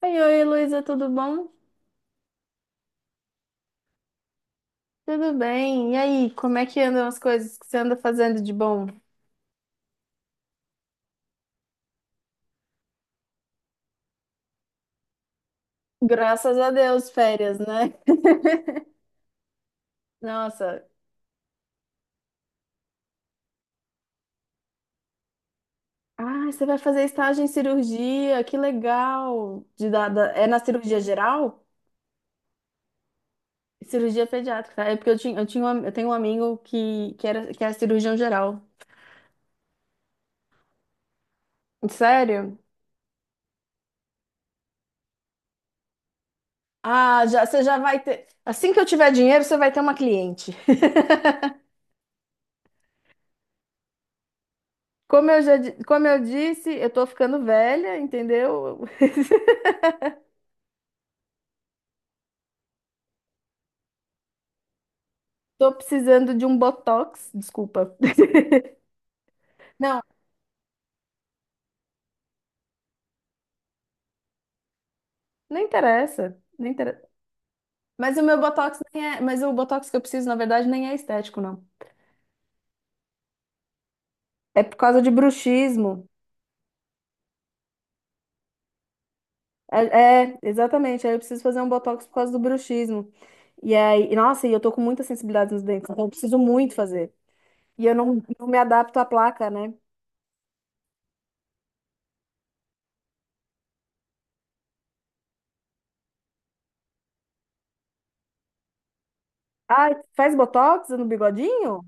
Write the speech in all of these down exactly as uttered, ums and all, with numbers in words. Oi, oi, Luísa, tudo bom? Tudo bem. E aí, como é que andam as coisas que você anda fazendo de bom? Graças a Deus, férias, né? Nossa. Ah, você vai fazer estágio em cirurgia, que legal. De da- da- É na cirurgia geral? Cirurgia pediátrica, tá? É porque eu tinha, eu tinha um- eu tenho um amigo que, que era, que é cirurgião geral. Sério? Ah, já, você já vai ter. Assim que eu tiver dinheiro, você vai ter uma cliente. Como eu já, di- como eu disse, eu tô ficando velha, entendeu? Tô precisando de um botox, desculpa. Não, não interessa, não interessa. Mas o meu botox nem é, mas o botox que eu preciso, na verdade, nem é estético, não. É por causa de bruxismo. É, é, exatamente. Aí eu preciso fazer um botox por causa do bruxismo. E aí, e, nossa, e eu tô com muita sensibilidade nos dentes, então eu preciso muito fazer. E eu não, não me adapto à placa, né? Ah, faz botox no bigodinho?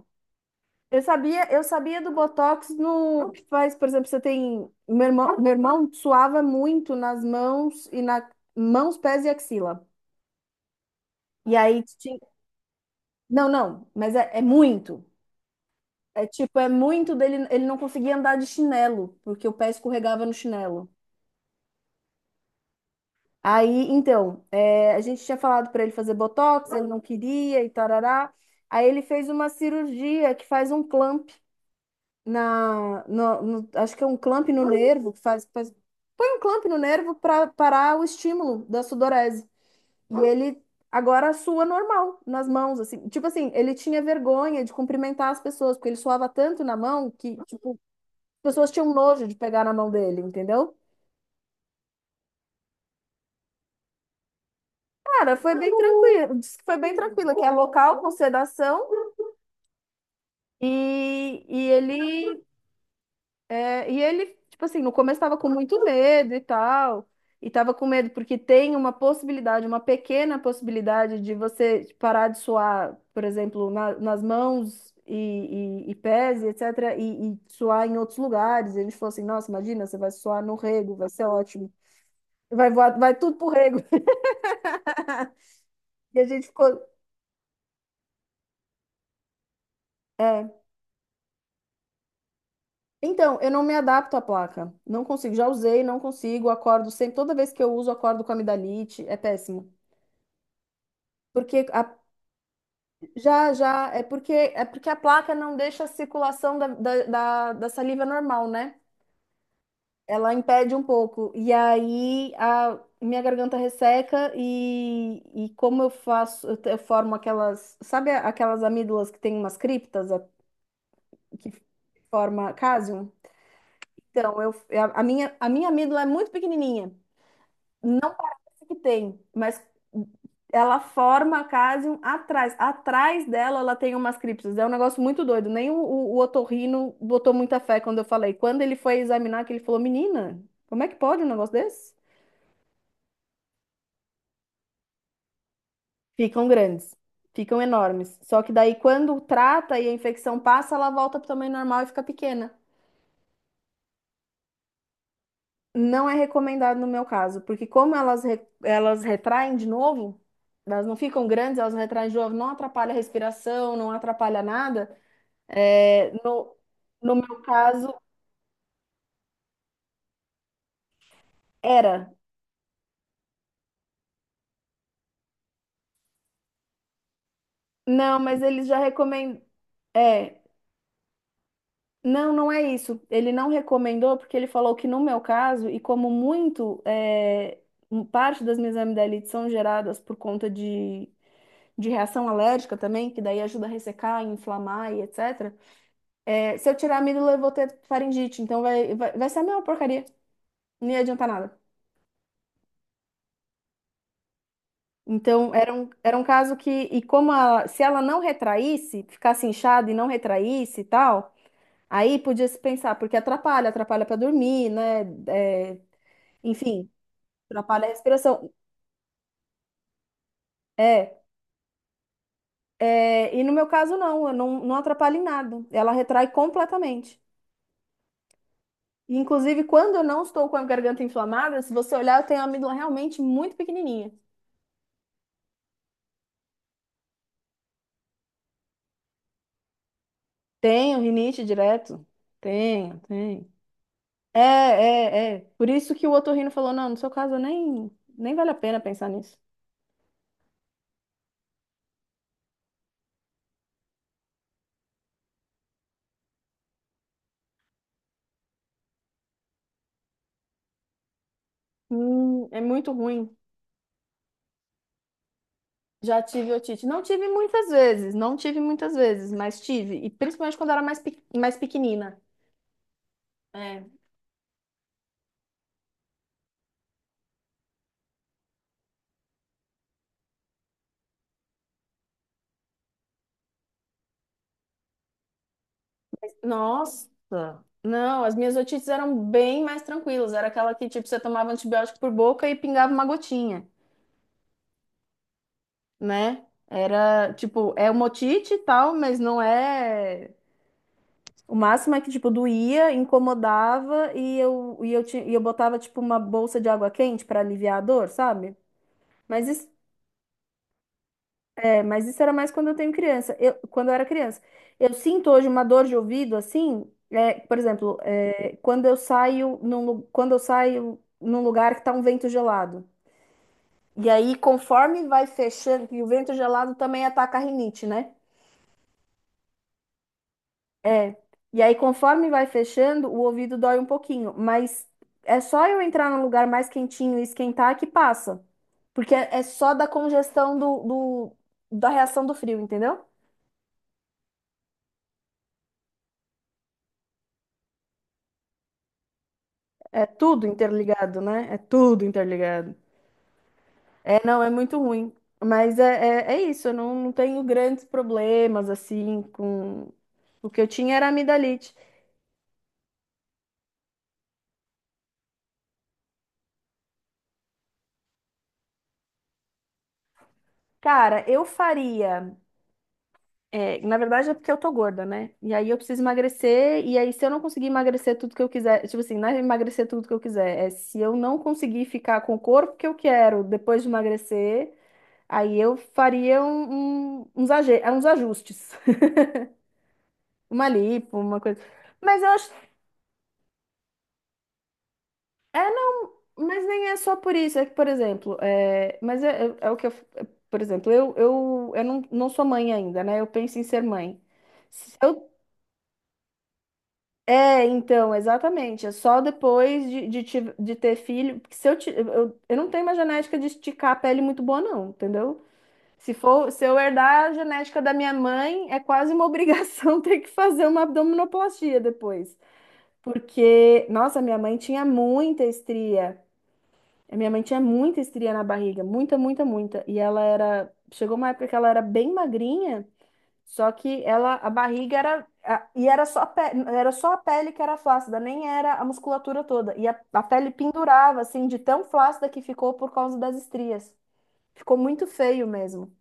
Eu sabia, eu sabia do Botox no que faz, por exemplo, você tem meu irmão, meu irmão suava muito nas mãos e na mãos, pés e axila. E aí tinha, não, não, mas é, é muito. É tipo, é muito dele, ele não conseguia andar de chinelo, porque o pé escorregava no chinelo. Aí, então, é, a gente tinha falado para ele fazer Botox, ele não queria e tarará. Aí ele fez uma cirurgia que faz um na, no, no- acho que é um clamp no nervo que faz, faz- põe um clamp no nervo para parar o estímulo da sudorese. E ele agora sua normal nas mãos, assim. Tipo assim, ele tinha vergonha de cumprimentar as pessoas, porque ele suava tanto na mão que, tipo, as pessoas tinham nojo de pegar na mão dele, entendeu? Cara, foi bem tranquilo, disse que foi bem tranquilo, que é local com sedação e, e ele É, e ele, tipo assim, no começo estava com muito medo e tal, e estava com medo porque tem uma possibilidade, uma pequena possibilidade de você parar de suar, por exemplo, na- nas mãos e, e, e pés, e etcétera, e, e suar em outros lugares. E a gente falou assim, nossa, imagina, você vai suar no rego, vai ser ótimo. Vai voar, vai tudo pro rego. E a gente ficou, é. Então, eu não me adapto à placa. Não consigo. Já usei, não consigo. Acordo sempre. Toda vez que eu uso, acordo com amidalite. É péssimo. Porque a Já, já, é porque é porque a placa não deixa a circulação da, da, da, da saliva normal, né? Ela impede um pouco. E aí a minha garganta resseca e, e como eu faço, eu, te- eu formo aquelas, sabe a- aquelas amígdalas que tem umas criptas a- que forma cásium? Então, eu, a, a minha, a minha amígdala é muito pequenininha. Que tem, mas ela forma a cásium atrás. Atrás dela, ela tem umas criptas. É um negócio muito doido. Nem o, o, o otorrino botou muita fé quando eu falei. Quando ele foi examinar, que ele falou, menina, como é que pode um negócio desse? Ficam grandes, ficam enormes. Só que daí, quando trata e a infecção passa, ela volta para o tamanho normal e fica pequena. Não é recomendado no meu caso, porque como elas, re- elas retraem de novo, elas não ficam grandes, elas retraem de novo, não atrapalha a respiração, não atrapalha nada. É, no, no meu caso, era. Não, mas ele já recomendou. É, não, não é isso. Ele não recomendou porque ele falou que no meu caso, e como muito, é, um- parte das minhas amidalites são geradas por conta de, de reação alérgica também, que daí ajuda a ressecar, inflamar e etcétera. É, se eu tirar a amígdala eu vou ter faringite. Então vai, vai, vai ser a mesma porcaria. Não ia adiantar nada. Então, era um, era um caso que, e como a- se ela não retraísse, ficasse inchada e não retraísse e tal, aí podia se pensar, porque atrapalha, atrapalha para dormir, né? É, enfim, atrapalha a respiração. É, é, e no meu caso, não, eu não, não atrapalha em nada. Ela retrai completamente. E, inclusive, quando eu não estou com a garganta inflamada, se você olhar, eu tenho a amígdola realmente muito pequenininha. Tenho rinite direto. Tenho, tenho. É, é, é. Por isso que o otorrino falou, não, no seu caso nem, nem vale a pena pensar nisso. Hum, é muito ruim. Já tive otite. Não tive muitas vezes, não tive muitas vezes, mas tive. E principalmente quando era mais, pe- mais pequenina. É. Nossa! Não, as minhas otites eram bem mais tranquilas. Era aquela que, tipo, você tomava antibiótico por boca e pingava uma gotinha, né? Era, tipo, é uma otite e tal, mas não é. O máximo é que, tipo, doía, incomodava e eu, e eu, tinha, e eu botava, tipo, uma bolsa de água quente para aliviar a dor, sabe? Mas isso, é, mas isso era mais quando eu tenho criança, eu, quando eu era criança. Eu sinto hoje uma dor de ouvido, assim, é, por exemplo, é, quando eu saio num, lu- quando eu saio num lugar que tá um vento gelado. E aí, conforme vai fechando, e o vento gelado também ataca a rinite, né? É, e aí conforme vai fechando, o ouvido dói um pouquinho, mas é só eu entrar num lugar mais quentinho e esquentar que passa. Porque é é só da congestão do, do- da reação do frio, entendeu? É tudo interligado, né? É tudo interligado. É, não, é muito ruim. Mas é, é, é isso, eu não, não tenho grandes problemas assim com. O que eu tinha era amidalite. Cara, eu faria. É, na verdade é porque eu tô gorda, né? E aí eu preciso emagrecer, e aí se eu não conseguir emagrecer tudo que eu quiser, tipo assim, não é emagrecer tudo que eu quiser, é se eu não conseguir ficar com o corpo que eu quero depois de emagrecer, aí eu faria um, um- uns, aje- é, uns ajustes. Uma lipo, uma coisa. Mas eu acho. É, não, mas nem é só por isso. É que, por exemplo, é, mas é, é- é o que eu. Por exemplo, eu, eu, eu não, não sou mãe ainda, né? Eu penso em ser mãe. Se eu É, então, exatamente. É só depois de, de, ti- de ter filho. Porque se eu, ti- eu, eu não tenho uma genética de esticar a pele muito boa, não, entendeu? Se for, se eu herdar a genética da minha mãe, é quase uma obrigação ter que fazer uma abdominoplastia depois. Porque, nossa, minha mãe tinha muita estria. A minha mãe tinha muita estria na barriga, muita, muita, muita. E ela era. Chegou uma época que ela era bem magrinha. Só que ela, a barriga era, a- e era só a pele, era só a pele que era flácida, nem era a musculatura toda. E a, a pele pendurava, assim, de tão flácida que ficou por causa das estrias. Ficou muito feio mesmo.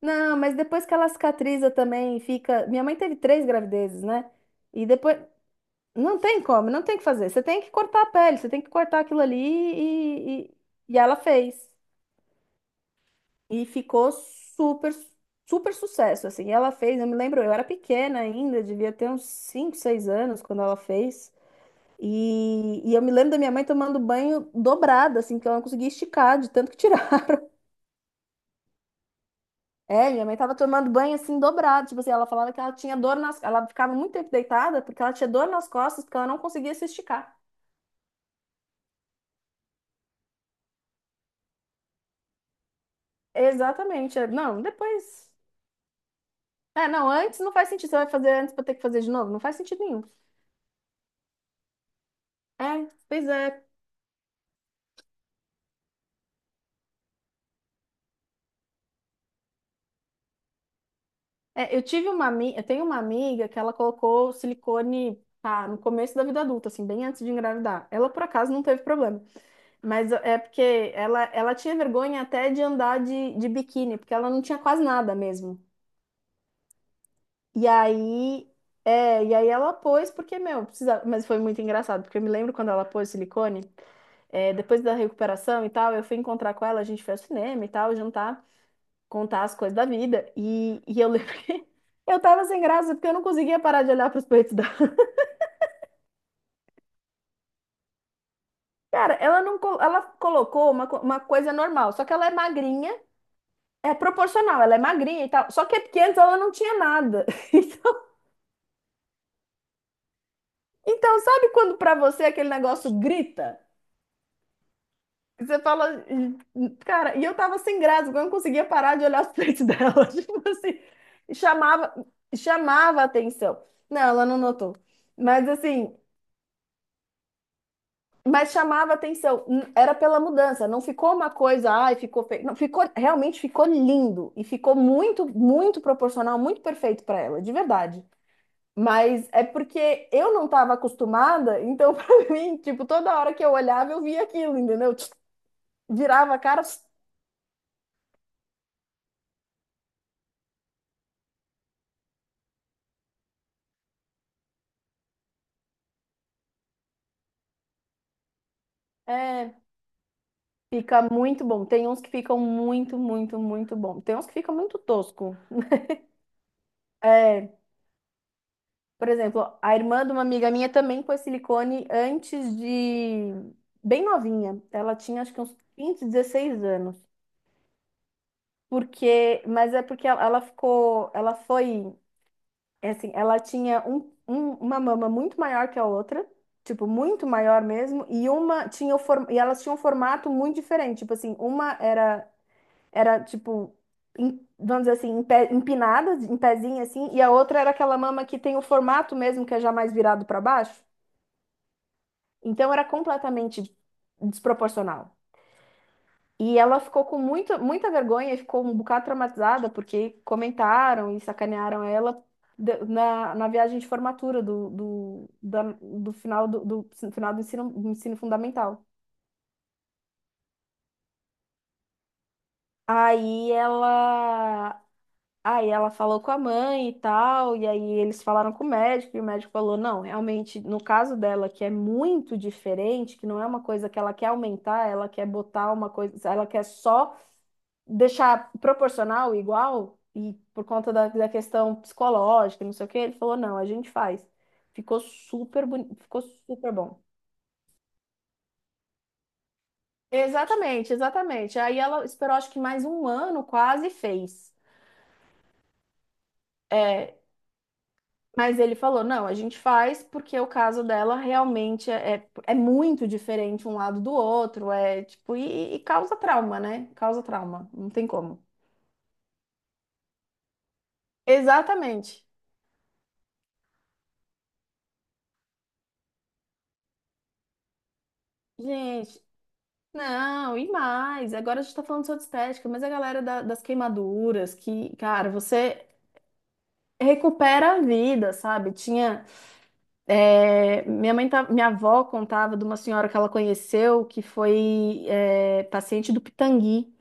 Não, mas depois que ela cicatriza também, fica. Minha mãe teve três gravidezes, né? E depois. Não tem como, não tem o que fazer. Você tem que cortar a pele, você tem que cortar aquilo ali e, e, e ela fez. E ficou super, super sucesso, assim. Ela fez, eu me lembro, eu era pequena ainda, devia ter uns cinco seis anos quando ela fez. E, e eu me lembro da minha mãe tomando banho dobrada assim, que ela não conseguia esticar de tanto que tirar. É, minha mãe tava tomando banho assim dobrado, tipo assim, ela falava que ela tinha dor nas, ela ficava muito tempo deitada porque ela tinha dor nas costas, porque ela não conseguia se esticar. Exatamente. É, não, depois. É, não, antes não faz sentido. Você vai fazer antes pra ter que fazer de novo? Não faz sentido nenhum. É, pois é. É, eu tive uma, ami- eu tenho uma amiga que ela colocou silicone, pá, no começo da vida adulta, assim, bem antes de engravidar. Ela por acaso não teve problema, mas é porque ela, ela tinha vergonha até de andar de, de biquíni, porque ela não tinha quase nada mesmo. E aí, é, e aí ela pôs porque, meu, precisava, mas foi muito engraçado, porque eu me lembro quando ela pôs silicone, é, depois da recuperação e tal, eu fui encontrar com ela, a gente foi ao cinema e tal, jantar contar as coisas da vida. E, e eu lembro que eu tava sem graça porque eu não conseguia parar de olhar pros peitos dela. Cara, ela não, co- ela colocou uma, co- uma coisa normal, só que ela é magrinha, é proporcional, ela é magrinha e tal. Só que é porque antes ela não tinha nada. Então, então sabe quando pra você aquele negócio grita? Você fala, "Ih, cara, e eu tava sem graça, porque eu não conseguia parar de olhar os peitos dela. Tipo assim, chamava, chamava a atenção. Não, ela não notou. Mas assim, Mas chamava atenção, n- era pela mudança, não ficou uma coisa, ai, ficou feio. Não, ficou, realmente ficou lindo e ficou muito, muito proporcional, muito perfeito para ela, de verdade. Mas é porque eu não estava acostumada, então para mim, tipo, toda hora que eu olhava, eu via aquilo, entendeu? Tch, virava a cara, tch, é, fica muito bom. Tem uns que ficam muito, muito, muito bom. Tem uns que ficam muito tosco. É. Por exemplo, a irmã de uma amiga minha também pôs silicone antes de bem novinha. Ela tinha acho que uns quinze dezesseis anos. Porque, mas é porque ela ela ficou, ela foi, é assim, ela tinha um, um- uma mama muito maior que a outra, tipo, muito maior mesmo, e uma tinha o form, e elas tinham um formato muito diferente, tipo assim, uma era era tipo em- vamos dizer assim, em pé- empinada, em pezinho assim, e a outra era aquela mama que tem o formato mesmo que é já mais virado para baixo. Então era completamente desproporcional. E ela ficou com muito muita vergonha e ficou um bocado traumatizada porque comentaram e sacanearam ela da- na, na viagem de formatura do, do, da- do final do, do final do ensino, do ensino fundamental. Aí ela, aí ela falou com a mãe e tal, e aí eles falaram com o médico, e o médico falou: não, realmente, no caso dela, que é muito diferente, que não é uma coisa que ela quer aumentar, ela quer botar uma coisa, ela quer só deixar proporcional igual e por conta da, da questão psicológica, não sei o que ele falou, não, a gente faz. Ficou super bonito, ficou super bom. Exatamente, exatamente. Aí ela esperou acho que mais um ano quase e fez. É, mas ele falou, não, a gente faz porque o caso dela realmente é, é, é muito diferente um lado do outro, é tipo, e, e causa trauma, né? Causa trauma, não tem como. Exatamente. Gente, não, e mais. Agora a gente tá falando só de estética, mas a galera da- das queimaduras, que, cara, você recupera a vida, sabe? Tinha. É, minha mãe tá- minha avó contava de uma senhora que ela conheceu que foi é, paciente do Pitangui,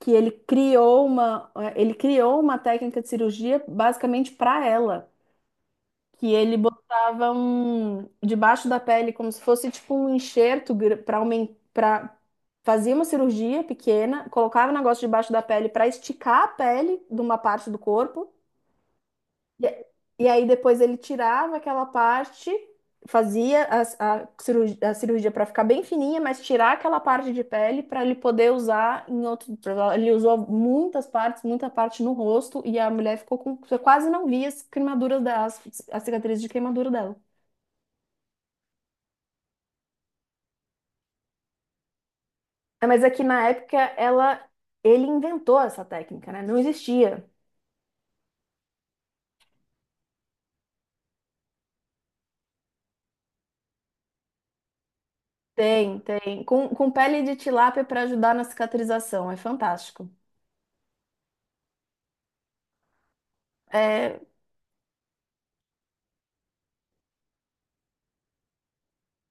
que ele criou uma, é, ele criou uma técnica de cirurgia basicamente para ela, que ele botava um debaixo da pele como se fosse tipo um enxerto para aumentar, fazia uma cirurgia pequena, colocava o negócio debaixo da pele para esticar a pele de uma parte do corpo e, e aí depois ele tirava aquela parte, fazia a, a cirurgia, a cirurgia para ficar bem fininha, mas tirar aquela parte de pele para ele poder usar em outro. Ele usou muitas partes, muita parte no rosto, e a mulher ficou com. Você quase não via as queimaduras das, as as cicatrizes de queimadura dela. É, mas é que na época ela, ele inventou essa técnica, né? Não existia. Tem, tem. Com, com pele de tilápia para ajudar na cicatrização. É fantástico. É.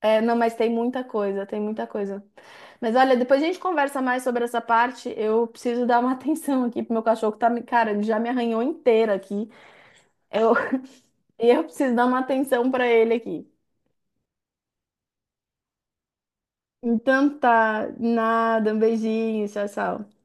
É, não, mas tem muita coisa, tem muita coisa. Mas olha, depois a gente conversa mais sobre essa parte. Eu preciso dar uma atenção aqui pro meu cachorro que tá, me- cara, ele já me arranhou inteira aqui. Eu, eu preciso dar uma atenção pra ele aqui. Então tá, nada, um beijinho, tchau, tchau.